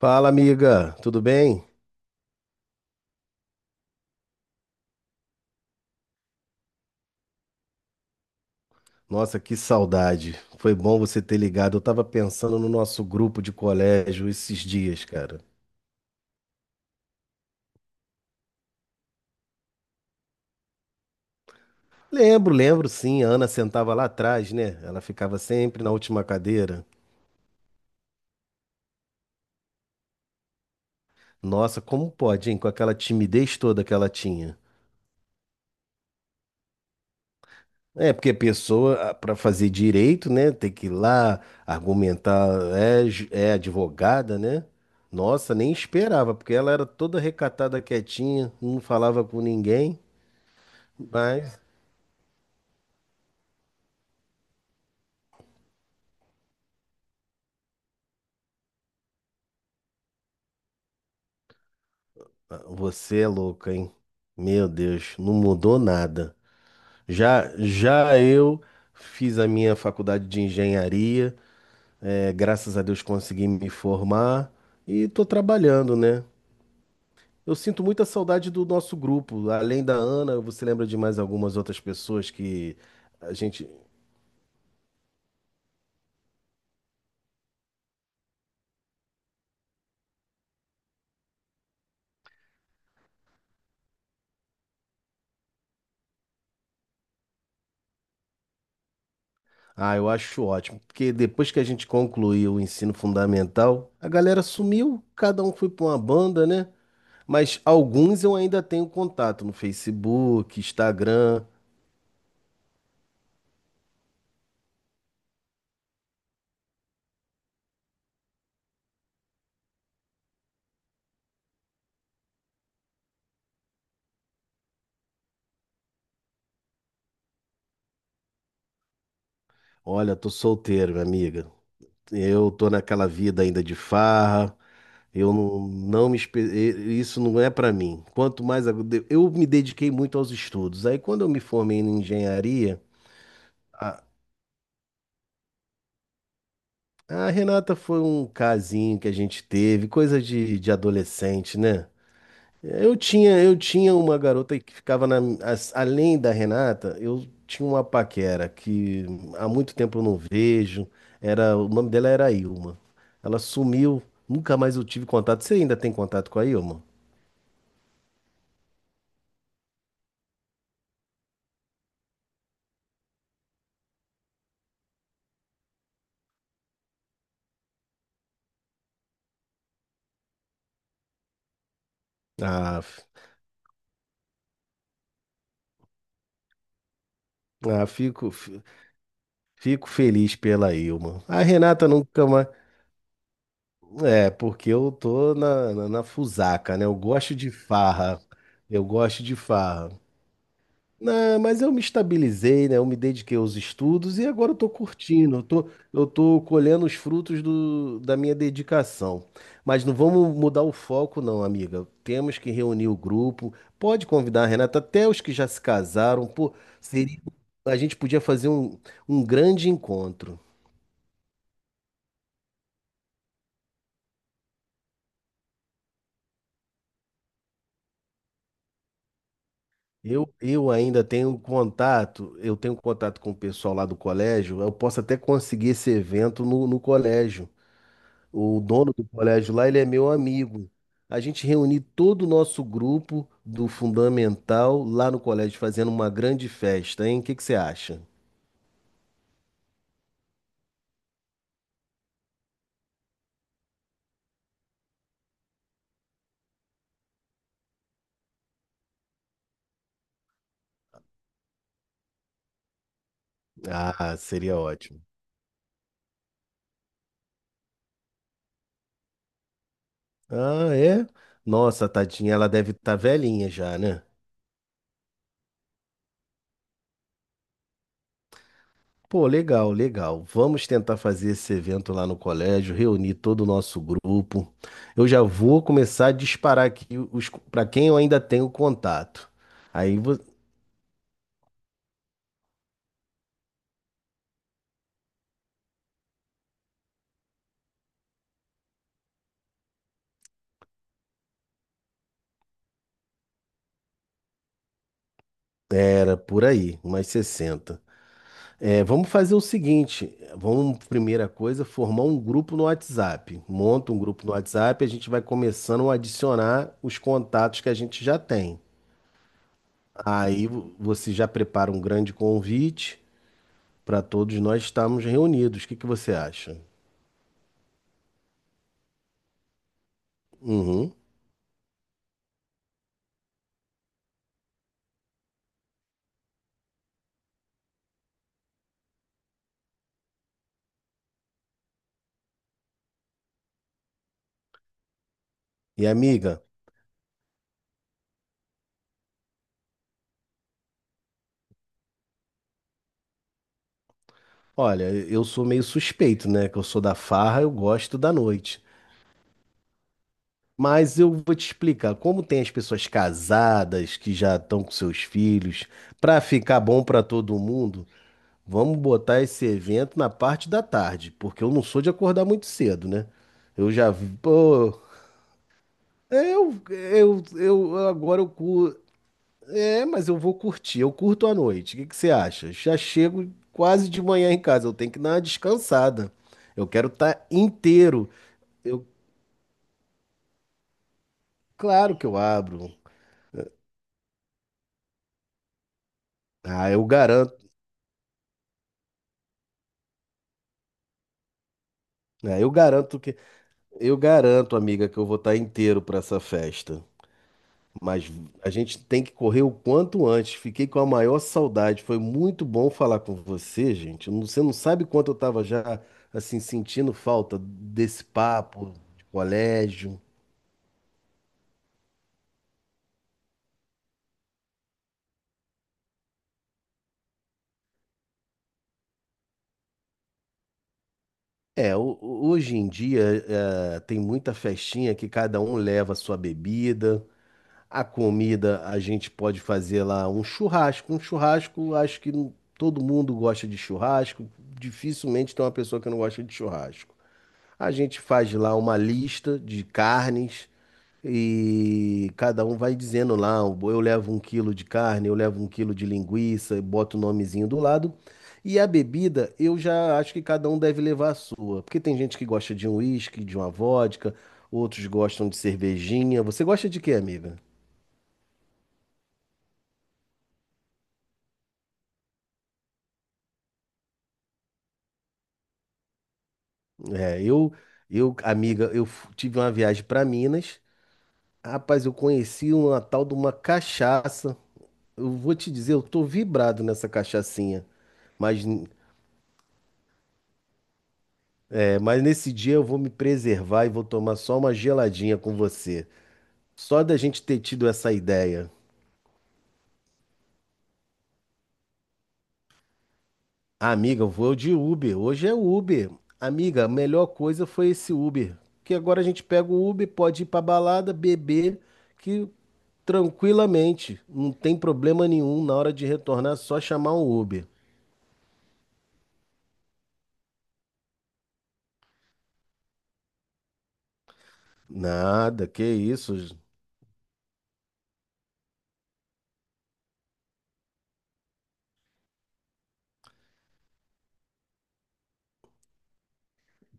Fala, amiga, tudo bem? Nossa, que saudade. Foi bom você ter ligado. Eu tava pensando no nosso grupo de colégio esses dias, cara. Lembro, lembro sim. A Ana sentava lá atrás, né? Ela ficava sempre na última cadeira. Nossa, como pode, hein? Com aquela timidez toda que ela tinha. É, porque a pessoa, para fazer direito, né, tem que ir lá argumentar, é advogada, né? Nossa, nem esperava, porque ela era toda recatada, quietinha, não falava com ninguém. Mas você é louco, hein? Meu Deus, não mudou nada. Já eu fiz a minha faculdade de engenharia, graças a Deus consegui me formar e tô trabalhando, né? Eu sinto muita saudade do nosso grupo. Além da Ana, você lembra de mais algumas outras pessoas que a gente. Ah, eu acho ótimo, porque depois que a gente concluiu o ensino fundamental, a galera sumiu, cada um foi pra uma banda, né? Mas alguns eu ainda tenho contato no Facebook, Instagram. Olha, tô solteiro, minha amiga. Eu tô naquela vida ainda de farra. Eu não, não me espe- e- Isso não é pra mim. Quanto mais eu, me dediquei muito aos estudos. Aí quando eu me formei em engenharia, a, a Renata foi um casinho que a gente teve, coisa de adolescente, né? Eu tinha uma garota que ficava além da Renata. Eu tinha uma paquera que há muito tempo eu não vejo. Era, o nome dela era Ilma. Ela sumiu, nunca mais eu tive contato. Você ainda tem contato com a Ilma? Ah, f- fico, fico feliz pela Ilma. A Renata nunca mais. É, porque eu tô na fusaca, né? Eu gosto de farra. Eu gosto de farra. Não, mas eu me estabilizei, né? Eu me dediquei aos estudos e agora eu tô curtindo, eu tô colhendo os frutos do, da minha dedicação. Mas não vamos mudar o foco, não, amiga. Temos que reunir o grupo. Pode convidar a Renata, até os que já se casaram. Pô, seria, a gente podia fazer um, um grande encontro. Eu ainda tenho contato, eu tenho contato com o pessoal lá do colégio. Eu posso até conseguir esse evento no colégio. O dono do colégio lá, ele é meu amigo. A gente reuniu todo o nosso grupo do Fundamental lá no colégio, fazendo uma grande festa, hein? O que que você acha? Ah, seria ótimo. Ah, é? Nossa, tadinha, ela deve estar velhinha já, né? Pô, legal, legal. Vamos tentar fazer esse evento lá no colégio, reunir todo o nosso grupo. Eu já vou começar a disparar aqui os para quem eu ainda tenho contato. Aí vo- Era por aí, umas 60. É, vamos fazer o seguinte, vamos, primeira coisa, formar um grupo no WhatsApp. Monta um grupo no WhatsApp, a gente vai começando a adicionar os contatos que a gente já tem. Você já prepara um grande convite para todos nós estarmos reunidos. O que que você acha? Uhum. E amiga, olha, eu sou meio suspeito, né? Que eu sou da farra, eu gosto da noite. Mas eu vou te explicar como tem as pessoas casadas que já estão com seus filhos, para ficar bom para todo mundo, vamos botar esse evento na parte da tarde, porque eu não sou de acordar muito cedo, né? Eu já, vi- pô, é, eu agora eu cu- é, mas eu vou curtir, eu curto à noite. O que que você acha? Já chego quase de manhã em casa, eu tenho que dar uma descansada. Eu quero estar inteiro. Eu, claro que eu abro. Ah, eu garanto, eu garanto que, eu garanto, amiga, que eu vou estar inteiro para essa festa. Mas a gente tem que correr o quanto antes. Fiquei com a maior saudade. Foi muito bom falar com você, gente. Não- Você não sabe quanto eu estava já assim sentindo falta desse papo de colégio. É, hoje em dia tem muita festinha que cada um leva a sua bebida. A comida a gente pode fazer lá um churrasco. Um churrasco, acho que não- todo mundo gosta de churrasco. Dificilmente tem uma pessoa que não gosta de churrasco. A gente faz lá uma lista de carnes e cada um vai dizendo lá, eu levo um quilo de carne, eu levo um quilo de linguiça, e boto o nomezinho do lado. E a bebida, eu já acho que cada um deve levar a sua, porque tem gente que gosta de um uísque, de uma vodka, outros gostam de cervejinha. Você gosta de quê, amiga? É, eu, amiga, tive uma viagem para Minas. Rapaz, eu conheci uma tal de uma cachaça. Eu vou te dizer, eu tô vibrado nessa cachaçinha. Mas, mas nesse dia eu vou me preservar e vou tomar só uma geladinha com você. Só da gente ter tido essa ideia. Ah, amiga, eu vou de Uber. Hoje é Uber. Amiga, a melhor coisa foi esse Uber. Que agora a gente pega o Uber, pode ir pra balada, beber, que tranquilamente, não tem problema nenhum na hora de retornar, é só chamar um Uber. Nada, que isso.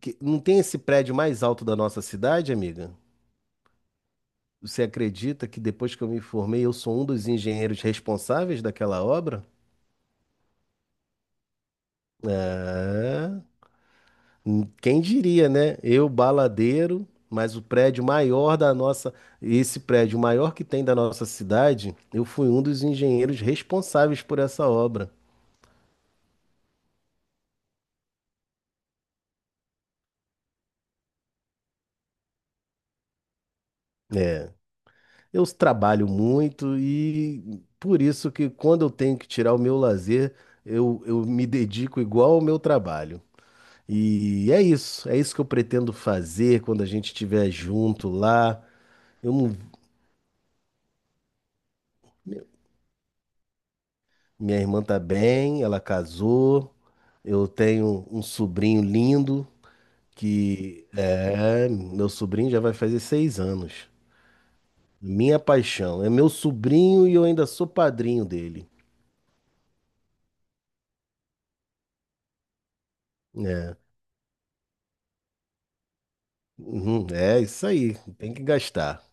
Que- não tem esse prédio mais alto da nossa cidade, amiga? Você acredita que depois que eu me formei, eu sou um dos engenheiros responsáveis daquela obra? É. Quem diria, né? Eu, baladeiro, mas o prédio maior da nossa, esse prédio maior que tem da nossa cidade, eu fui um dos engenheiros responsáveis por essa obra. É. Eu trabalho muito e por isso que quando eu tenho que tirar o meu lazer, eu me dedico igual ao meu trabalho. É isso que eu pretendo fazer quando a gente estiver junto lá. Eu não- Minha irmã tá bem, ela casou. Eu tenho um sobrinho lindo que é, meu sobrinho já vai fazer 6 anos. Minha paixão, é meu sobrinho e eu ainda sou padrinho dele. É, uhum, é isso aí, tem que gastar.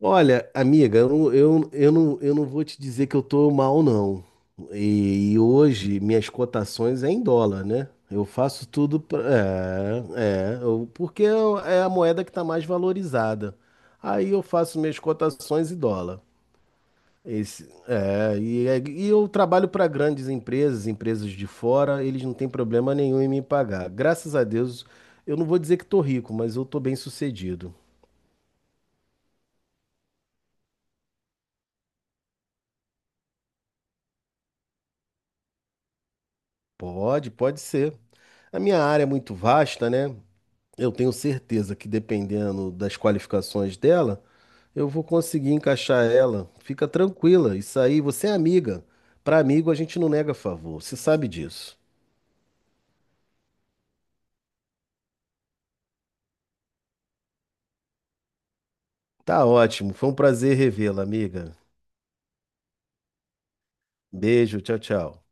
Olha, amiga, eu não vou te dizer que eu tô mal, não. E hoje minhas cotações é em dólar, né? Eu faço tudo pra, porque é a moeda que tá mais valorizada. Aí eu faço minhas cotações em dólar. Esse, é, e, é- E eu trabalho para grandes empresas, empresas de fora, eles não têm problema nenhum em me pagar. Graças a Deus, eu não vou dizer que tô rico, mas eu tô bem sucedido. Pode, pode ser. A minha área é muito vasta, né? Eu tenho certeza que dependendo das qualificações dela, eu vou conseguir encaixar ela. Fica tranquila, isso aí, você é amiga. Para amigo a gente não nega favor, você sabe disso. Tá ótimo, foi um prazer revê-la, amiga. Beijo, tchau, tchau.